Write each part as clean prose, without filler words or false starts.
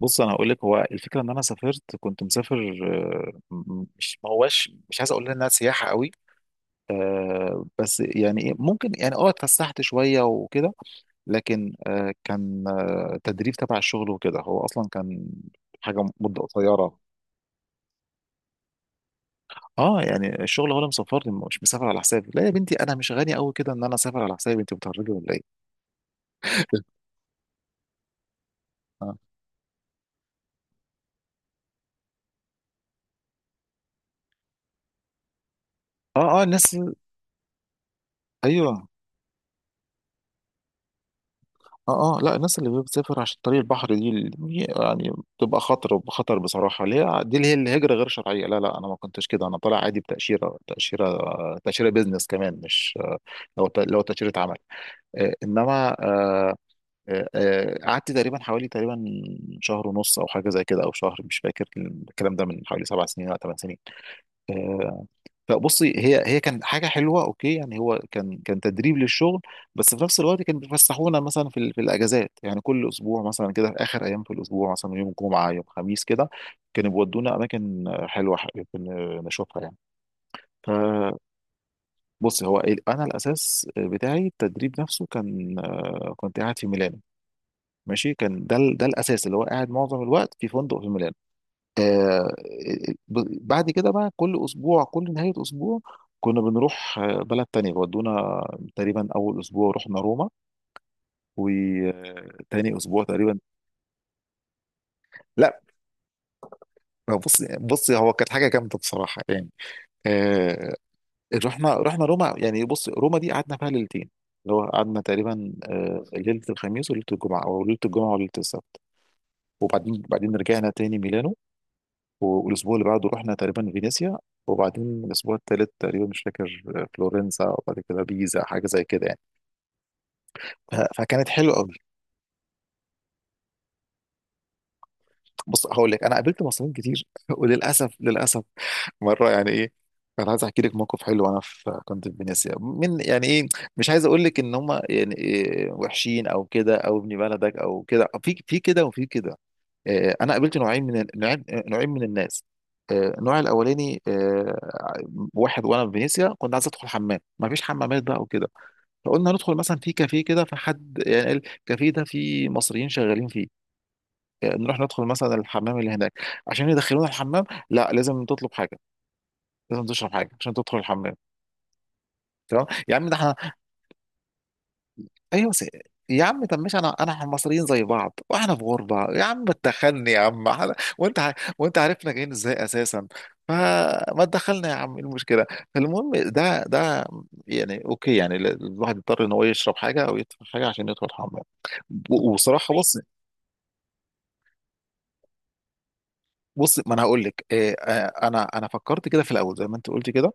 بص، انا هقول لك. هو الفكره ان انا سافرت، كنت مسافر. مش، ما هواش، مش عايز اقول انها سياحه قوي. بس يعني إيه، ممكن يعني اتفسحت شويه وكده. لكن كان تدريب تبع الشغل وكده. هو اصلا كان حاجه مده قصيره. اه يعني الشغل هو اللي مسافرني، مش مسافر على حسابي. لا يا بنتي، انا مش غني قوي كده ان انا اسافر على حسابي. انت بتهرجي ولا ايه؟ اه، اه، الناس. ايوه. اه، اه، لا، الناس اللي بتسافر عشان طريق البحر دي يعني بتبقى خطر خطر بصراحه، اللي هي دي، اللي هي الهجره غير شرعيه. لا، لا، انا ما كنتش كده، انا طالع عادي بتاشيره، تاشيره تاشيره بيزنس كمان، مش. لو تاشيره عمل. انما قعدت تقريبا، حوالي تقريبا شهر ونص او حاجه زي كده، او شهر، مش فاكر. الكلام ده من حوالي 7 سنين او 8 سنين. آه، فبصي، هي كانت حاجه حلوه. اوكي يعني، هو كان تدريب للشغل. بس في نفس الوقت كانوا بيفسحونا مثلا في الاجازات. يعني كل اسبوع مثلا كده، في اخر ايام في الاسبوع، مثلا يوم جمعه، يوم خميس كده، كانوا بيودونا اماكن حلوه، كنا نشوفها يعني. بص، انا الاساس بتاعي التدريب نفسه، كان كنت قاعد في ميلانو. ماشي، كان ده الاساس اللي هو قاعد معظم الوقت في فندق في ميلانو. آه، بعد كده بقى كل اسبوع، كل نهايه اسبوع كنا بنروح بلد تانية، بودونا. تقريبا اول اسبوع رحنا روما، وتاني اسبوع تقريبا. لا، بص، هو كانت حاجه جامده بصراحه يعني. آه، رحنا روما. يعني بص، روما دي قعدنا فيها ليلتين، اللي هو قعدنا تقريبا ليله الخميس وليله الجمعه، او ليله الجمعه وليله السبت، وبعدين رجعنا تاني ميلانو، والاسبوع اللي بعده رحنا تقريبا فينيسيا، وبعدين الاسبوع التالت تقريبا، مش فاكر، فلورنسا، وبعد كده بيزا، حاجه زي كده يعني. فكانت حلوه قوي. بص، هقول لك، انا قابلت مصريين كتير وللاسف، للاسف، مره يعني ايه. انا عايز احكي لك موقف حلو وانا كنت في فينيسيا، من يعني ايه. مش عايز اقول لك ان هم يعني إيه وحشين او كده، او ابن بلدك او كده، في كده وفي كده. انا قابلت نوعين من الناس. النوع الاولاني، واحد وانا في فينيسيا كنت عايز ادخل حمام، ما فيش حمامات بقى وكده. فقلنا ندخل مثلا في كافيه كده، فحد يعني قال الكافيه ده فيه مصريين شغالين فيه. نروح ندخل مثلا الحمام اللي هناك عشان يدخلونا الحمام. لا، لازم تطلب حاجه، لازم تشرب حاجه عشان تدخل الحمام. تمام يا عم، ده. ايوه، يا عم طب ماشي، انا انا احنا مصريين زي بعض، واحنا في غربه يا عم، اتدخلني يا عم، وانت عارفنا جايين ازاي اساسا. فما تدخلنا يا عم، ايه المشكله؟ فالمهم، ده يعني اوكي، يعني الواحد يضطر ان هو يشرب حاجه او يدفع حاجه عشان يدخل الحمام. وصراحه بص. بص، ما انا هقول لك إيه. انا فكرت كده في الاول زي ما انت قلت كده،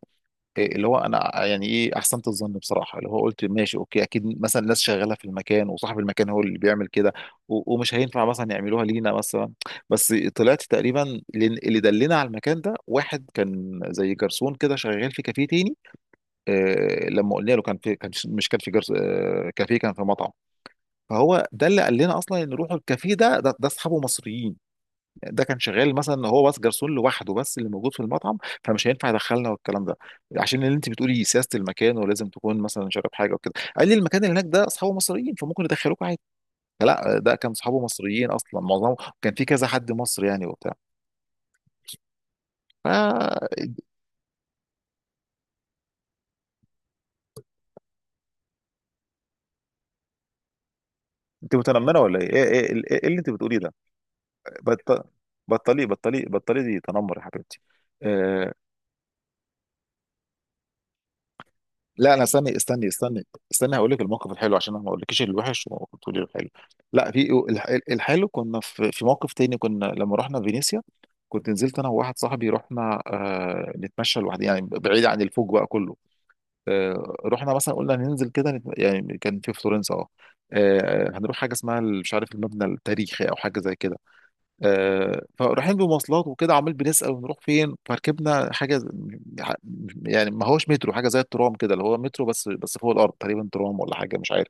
إيه اللي هو انا يعني ايه، احسنت الظن بصراحه، اللي هو قلت ماشي، اوكي اكيد مثلا ناس شغاله في المكان وصاحب المكان هو اللي بيعمل كده، ومش هينفع مثلا يعملوها لينا مثلا. بس طلعت تقريبا، لأن اللي دلنا على المكان ده، واحد كان زي جرسون كده شغال في كافيه تاني. آه، لما قلنا له كان في، كان، مش كان في جرس، كافيه، كان في مطعم. فهو ده اللي قال لنا اصلا ان روحوا الكافيه ده، اصحابه مصريين. ده كان شغال مثلا هو بس جرسون لوحده، بس اللي موجود في المطعم، فمش هينفع يدخلنا والكلام ده. عشان اللي انت بتقولي سياسه المكان، ولازم تكون مثلا شارب حاجه وكده، قال لي المكان اللي هناك ده اصحابه مصريين فممكن يدخلوك عادي. لا، ده كان اصحابه مصريين اصلا معظمهم، كان في كذا حد مصري يعني وبتاع. ف، انت متنمره ولا ايه، ايه، إيه اللي انت بتقوليه ده؟ بط... بطلي بطلي بطلي، دي تنمر يا حبيبتي. آه، لا، انا، استني استني استني استني، هقول لك الموقف الحلو عشان انا ما اقولكش الوحش وتقولي الحلو. لا، في الحلو. كنا في موقف تاني، كنا لما رحنا فينيسيا. كنت نزلت انا وواحد صاحبي، رحنا نتمشى لوحدنا، يعني بعيد عن الفوج بقى كله. رحنا مثلا، قلنا ننزل كده يعني. كان في فلورنسا، اه. هنروح حاجه اسمها مش عارف، المبنى التاريخي او حاجه زي كده. فرايحين بمواصلات وكده، عمال بنسأل ونروح فين، فركبنا حاجة يعني، ما هوش مترو، حاجة زي الترام كده، اللي هو مترو بس فوق الأرض تقريبا، ترام ولا حاجة، مش عارف.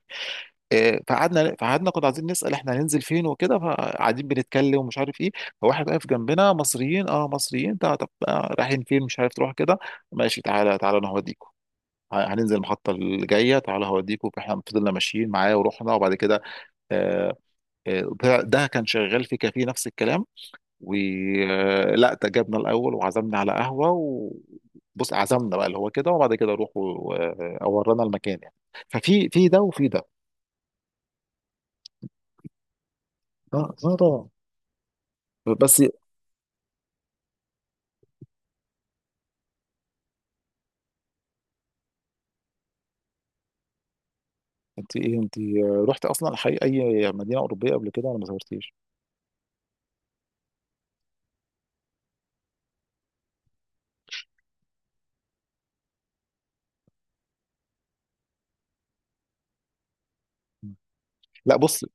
فقعدنا كنا عايزين نسأل احنا هننزل فين وكده، فقاعدين بنتكلم ومش عارف ايه. فواحد واقف جنبنا، مصريين، مصريين. طب طب، رايحين فين؟ مش عارف، تروح كده، ماشي، تعالى تعالى، انا هوديكوا. هننزل المحطة اللي جاية، تعالى هوديكوا. فاحنا فضلنا ماشيين معاه ورحنا، وبعد كده آه، ده كان شغال في كافيه، نفس الكلام. ولا جبنا الاول وعزمنا على قهوه بص، عزمنا بقى اللي هو كده، وبعد كده روحوا ورانا المكان يعني. ففي ده وفي ده. اه، اه، طبعا. بس انت، ايه، انت رحت اصلا اي مدينه اوروبيه قبل كده، ولا ما زورتيش؟ لا، بص،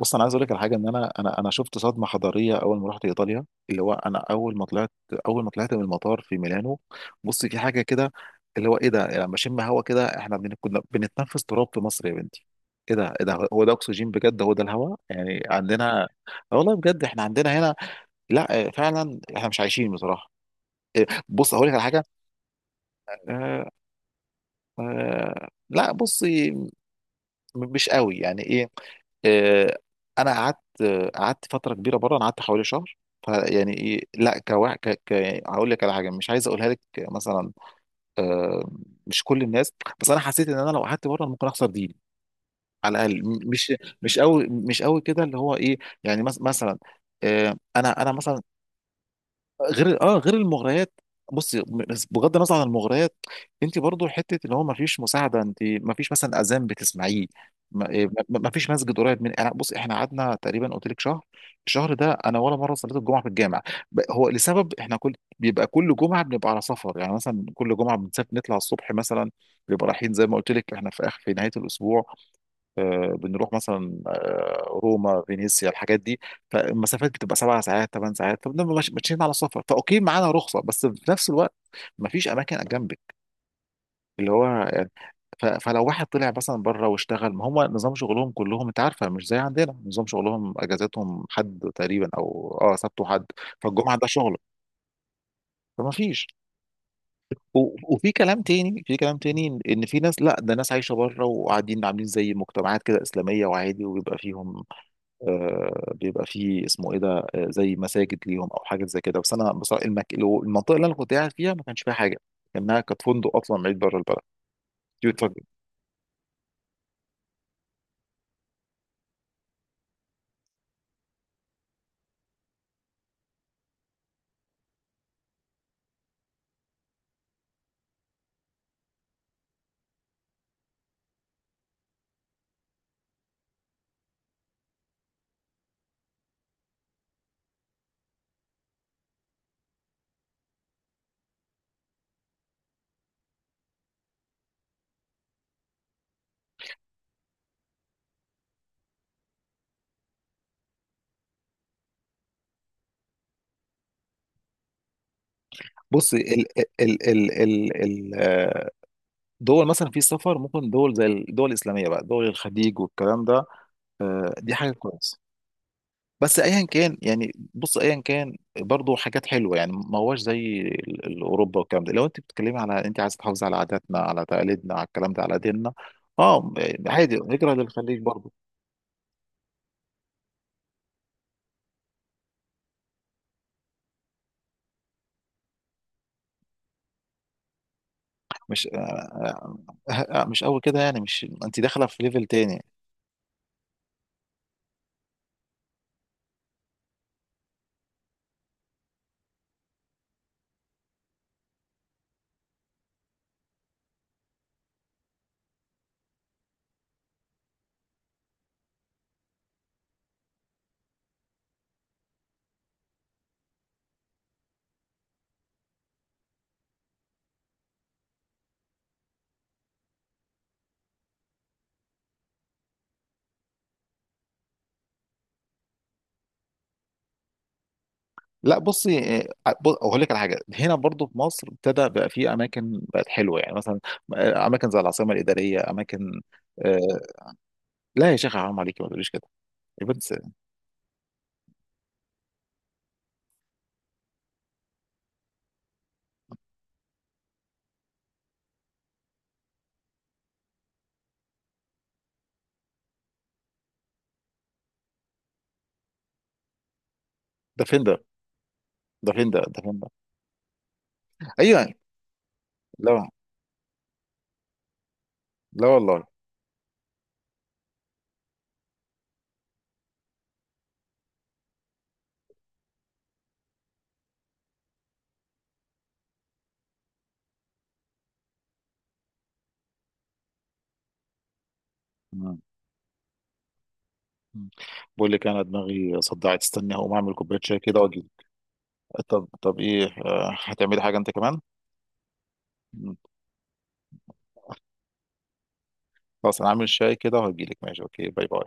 انا عايز اقول لك على حاجه، ان انا شفت صدمه حضاريه اول ما رحت ايطاليا. اللي هو انا، اول ما طلعت من المطار في ميلانو. بص، في حاجه كده، اللي هو ايه ده، يعني لما اشم هوا كده، احنا كنا بنتنفس تراب في مصر يا بنتي. ايه ده، ايه ده، هو ده اكسجين بجد، هو ده الهوا يعني عندنا. والله بجد، احنا عندنا هنا، لا. فعلا احنا مش عايشين بصراحه. بص هقول لك على حاجه. آه، لا، بص، مش قوي يعني ايه. آه، انا قعدت، فتره كبيره بره، انا قعدت حوالي شهر. فيعني ايه، لا، كواحد هقول لك على حاجه مش عايز اقولها لك مثلا. آه، مش كل الناس، بس انا حسيت ان انا لو قعدت بره ممكن اخسر ديني، على الاقل. مش قوي، مش قوي كده، اللي هو ايه، يعني مثلا، انا مثلا، غير غير المغريات. بصي، بغض النظر عن المغريات، انت برضو حته اللي هو ما فيش مساعده، انت ما فيش مثلا اذان بتسمعيه. ما إيه، ما- ما فيش مسجد قريب من، يعني بص، احنا قعدنا تقريبا قلت لك شهر. الشهر ده، انا ولا مره صليت الجمعه في الجامع. هو لسبب، احنا كل، بيبقى كل جمعه بنبقى على سفر، يعني مثلا كل جمعه بنسافر نطلع الصبح مثلا، بيبقى رايحين زي ما قلت لك، احنا في اخر في نهايه الاسبوع. بنروح مثلا روما، فينيسيا، الحاجات دي. فالمسافات بتبقى 7 ساعات، 8 ساعات، فبنبقى ماشيين على سفر. فاوكي، معانا رخصه، بس في نفس الوقت، مفيش اماكن جنبك، اللي هو يعني. فلو واحد طلع مثلا بره واشتغل، ما هم نظام شغلهم كلهم انت عارفه مش زي عندنا، نظام شغلهم اجازتهم حد تقريبا او سبت وحد، فالجمعه ده شغل، فما فيش. وفي كلام تاني، ان في ناس، لا، ده ناس عايشه بره وقاعدين عاملين زي مجتمعات كده اسلاميه، وعادي، وبيبقى فيهم بيبقى فيه، اسمه ايه ده، زي مساجد ليهم او حاجات زي كده. بس انا بصراحه، المنطقه اللي انا كنت قاعد فيها ما كانش فيها حاجه، لانها كانت فندق اصلا بعيد بره البلد. يتفق- بص، ال ال ال- آه، دول مثلا في السفر، ممكن دول زي الدول الاسلاميه بقى، دول الخليج والكلام ده. دي حاجه كويسه. بس ايا كان، يعني بص، ايا كان، برضو حاجات حلوه، يعني ما هوش زي اوروبا والكلام ده، لو انت بتتكلمي على انت عايز تحافظي على عاداتنا، على تقاليدنا، على الكلام ده، على ديننا. اه، عادي، هجره للخليج برضو. مش، آه، مش قوي كده يعني، مش، انت داخله في ليفل تاني. لا، بصي، اقول لك على حاجه، هنا برضو في مصر ابتدى بقى في اماكن بقت حلوه، يعني مثلا اماكن زي العاصمه الاداريه، اماكن. آه، لا يا شيخ، حرام عليكي، ما تقوليش كده يا بنت. ده فين ده، ده فين ده، ده فين ده؟ ايوه. لا، لا، والله. مم. مم. بقول لك انا دماغي صدعت، استني هقوم اعمل كوبايه شاي كده واجي. طب طب، ايه، هتعملي حاجه انت كمان؟ مم. خلاص، انا عامل شاي كده وهجيلك، ماشي، اوكي، باي باي.